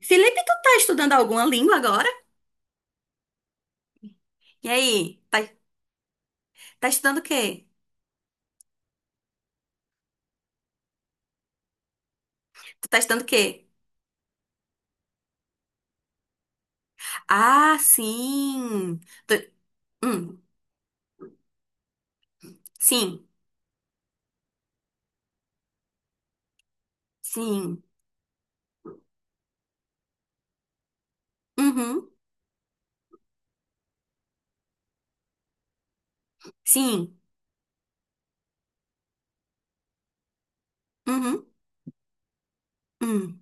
Felipe, tu tá estudando alguma língua agora? E aí? Tá, tá estudando o quê? Tu tá estudando o quê? Ah, sim. Tu- hum, sim. Sim. Uhum. Sim. Uhum. Hum.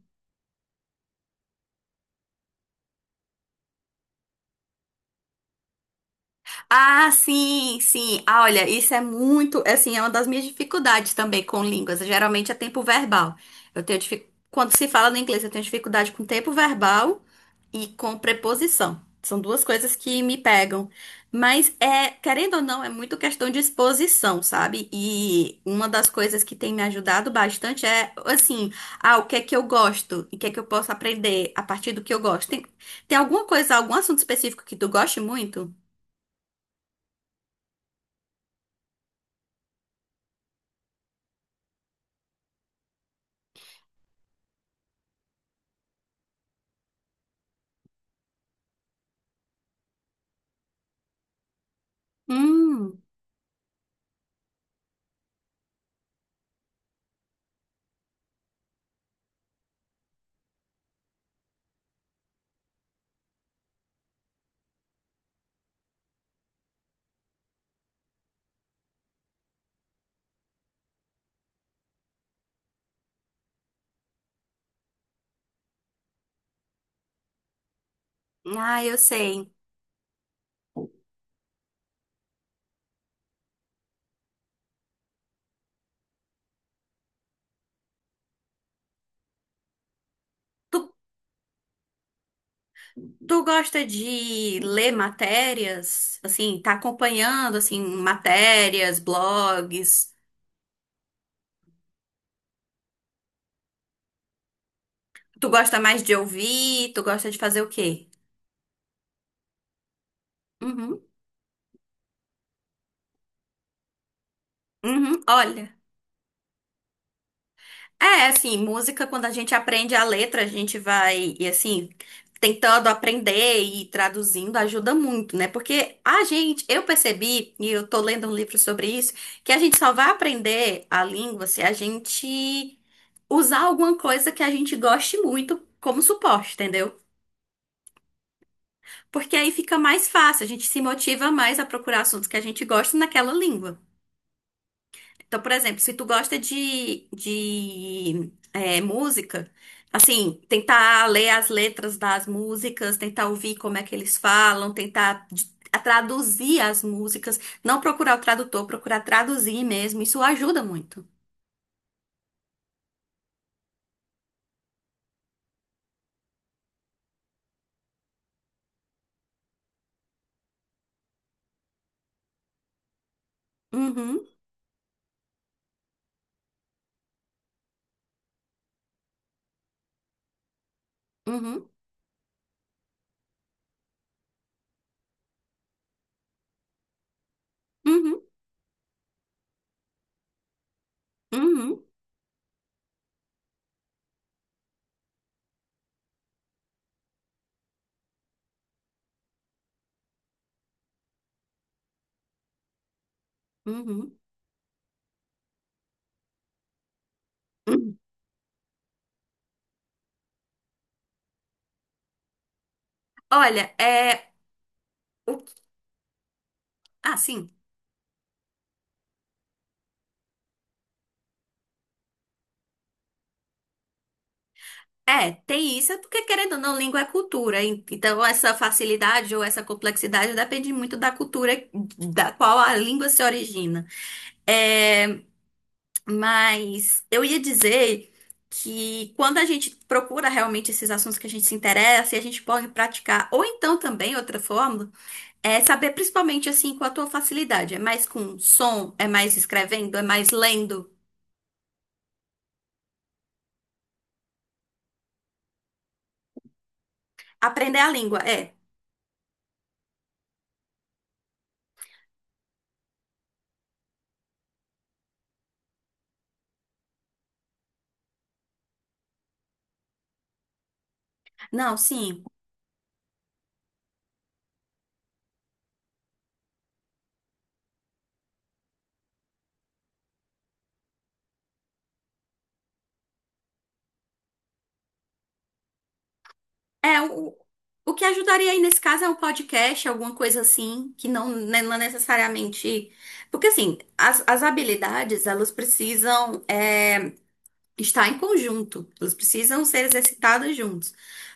Ah, sim, sim. Ah, olha, isso é muito, assim, é uma das minhas dificuldades também com línguas. Geralmente é tempo verbal. Quando se fala no inglês, eu tenho dificuldade com tempo verbal e com preposição. São duas coisas que me pegam. Mas é, querendo ou não, é muito questão de exposição, sabe? E uma das coisas que tem me ajudado bastante é, assim, ah, o que é que eu gosto? E o que é que eu posso aprender a partir do que eu gosto? Tem alguma coisa, algum assunto específico que tu goste muito? Hum. Ah, eu sei. Tu, tu gosta de ler matérias? Assim, tá acompanhando, assim, matérias, blogs? Tu gosta mais de ouvir? Tu gosta de fazer o quê? Uhum, uhum. Olha. É, assim, música, quando a gente aprende a letra, a gente vai, e assim, tentando aprender e traduzindo ajuda muito, né? Porque a gente, eu percebi, e eu tô lendo um livro sobre isso, que a gente só vai aprender a língua se a gente usar alguma coisa que a gente goste muito como suporte, entendeu? Porque aí fica mais fácil, a gente se motiva mais a procurar assuntos que a gente gosta naquela língua. Então, por exemplo, se tu gosta de música, assim, tentar ler as letras das músicas, tentar ouvir como é que eles falam, tentar a traduzir as músicas, não procurar o tradutor, procurar traduzir mesmo, isso ajuda muito. Uhum, uhum, uhum, uhum, uhum, uhum. Olha, é o ah, sim. É, tem isso, é porque querendo ou não, língua é cultura. Então, essa facilidade ou essa complexidade depende muito da cultura da qual a língua se origina. É, mas eu ia dizer que quando a gente procura realmente esses assuntos que a gente se interessa e a gente pode praticar, ou então também outra forma, é saber principalmente assim com a tua facilidade. É mais com som, é mais escrevendo, é mais lendo. Aprender a língua, é. Não, sim. É, o que ajudaria aí nesse caso é um podcast, alguma coisa assim, que não, né, não é necessariamente. Porque, assim, as habilidades, elas precisam estar em conjunto, elas precisam ser exercitadas juntos.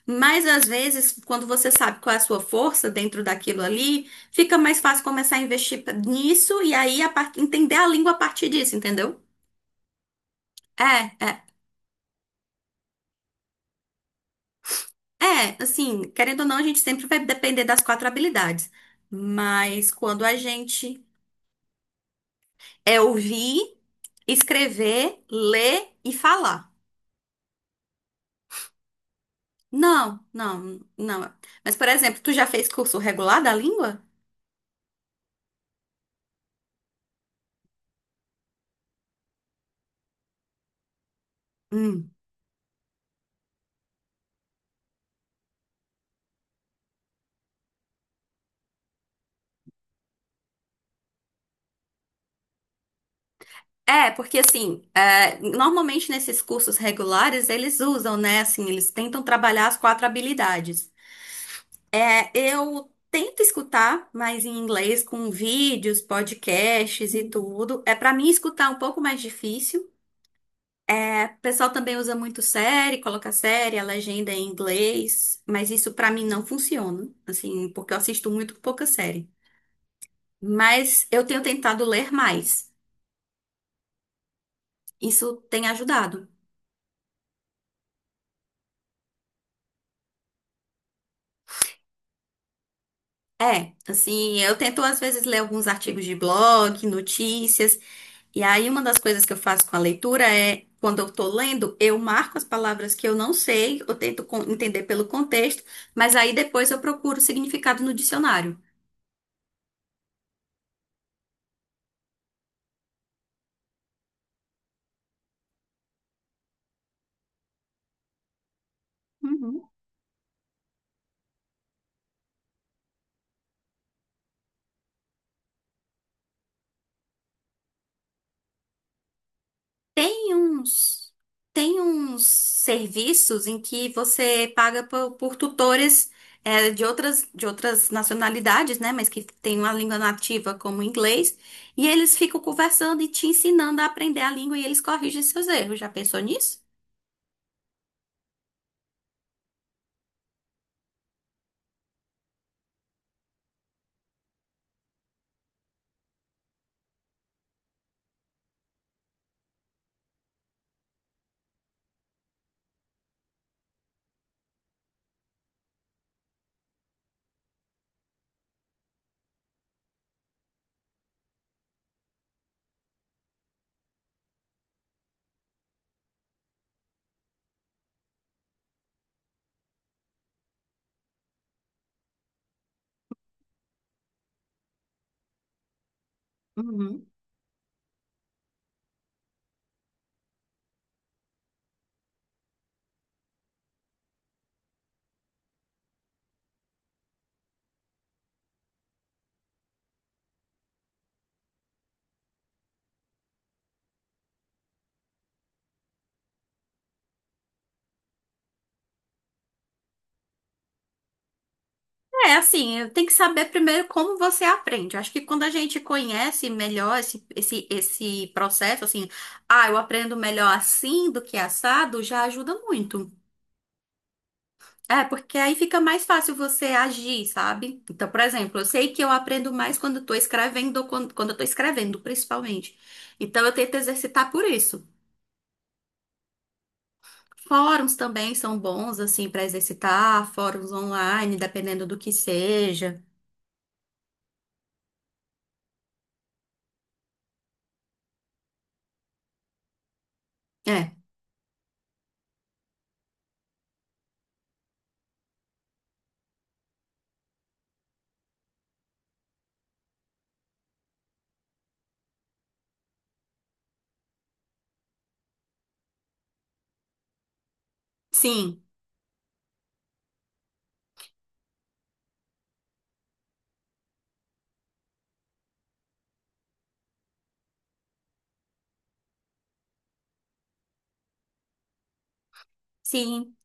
Mas, às vezes, quando você sabe qual é a sua força dentro daquilo ali, fica mais fácil começar a investir nisso e aí a entender a língua a partir disso, entendeu? É, é. É, assim, querendo ou não, a gente sempre vai depender das quatro habilidades. Mas quando a gente é ouvir, escrever, ler e falar. Não, não, não. Mas, por exemplo, tu já fez curso regular da língua? Hum. É, porque assim, é, normalmente nesses cursos regulares eles usam, né? Assim, eles tentam trabalhar as quatro habilidades. É, eu tento escutar mais em inglês com vídeos, podcasts e tudo. É para mim escutar é um pouco mais difícil. É, o pessoal também usa muito série, coloca série, a legenda é em inglês, mas isso para mim não funciona, assim, porque eu assisto muito pouca série. Mas eu tenho tentado ler mais. Isso tem ajudado. É, assim, eu tento às vezes ler alguns artigos de blog, notícias, e aí uma das coisas que eu faço com a leitura é, quando eu tô lendo, eu marco as palavras que eu não sei, eu tento entender pelo contexto, mas aí depois eu procuro o significado no dicionário. Uhum. Tem uns, tem uns serviços em que você paga por tutores é, de outras nacionalidades, né? Mas que tem uma língua nativa como o inglês, e eles ficam conversando e te ensinando a aprender a língua e eles corrigem seus erros. Já pensou nisso? Uhum. É, assim, tem que saber primeiro como você aprende. Eu acho que quando a gente conhece melhor esse processo, assim, ah, eu aprendo melhor assim do que assado, já ajuda muito. É, porque aí fica mais fácil você agir, sabe? Então, por exemplo, eu sei que eu aprendo mais quando estou escrevendo, ou quando eu tô escrevendo, principalmente. Então, eu tento exercitar por isso. Fóruns também são bons, assim, para exercitar, fóruns online, dependendo do que seja. É, sim, sim.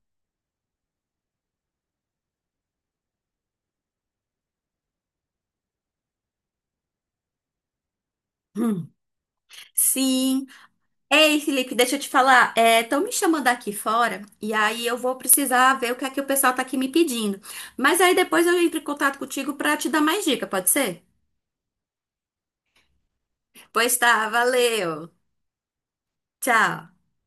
Hum, sim. Ei, Felipe, deixa eu te falar. Estão me chamando aqui fora e aí eu vou precisar ver o que é que o pessoal tá aqui me pedindo. Mas aí depois eu entro em contato contigo para te dar mais dica, pode ser? Pois tá, valeu. Tchau.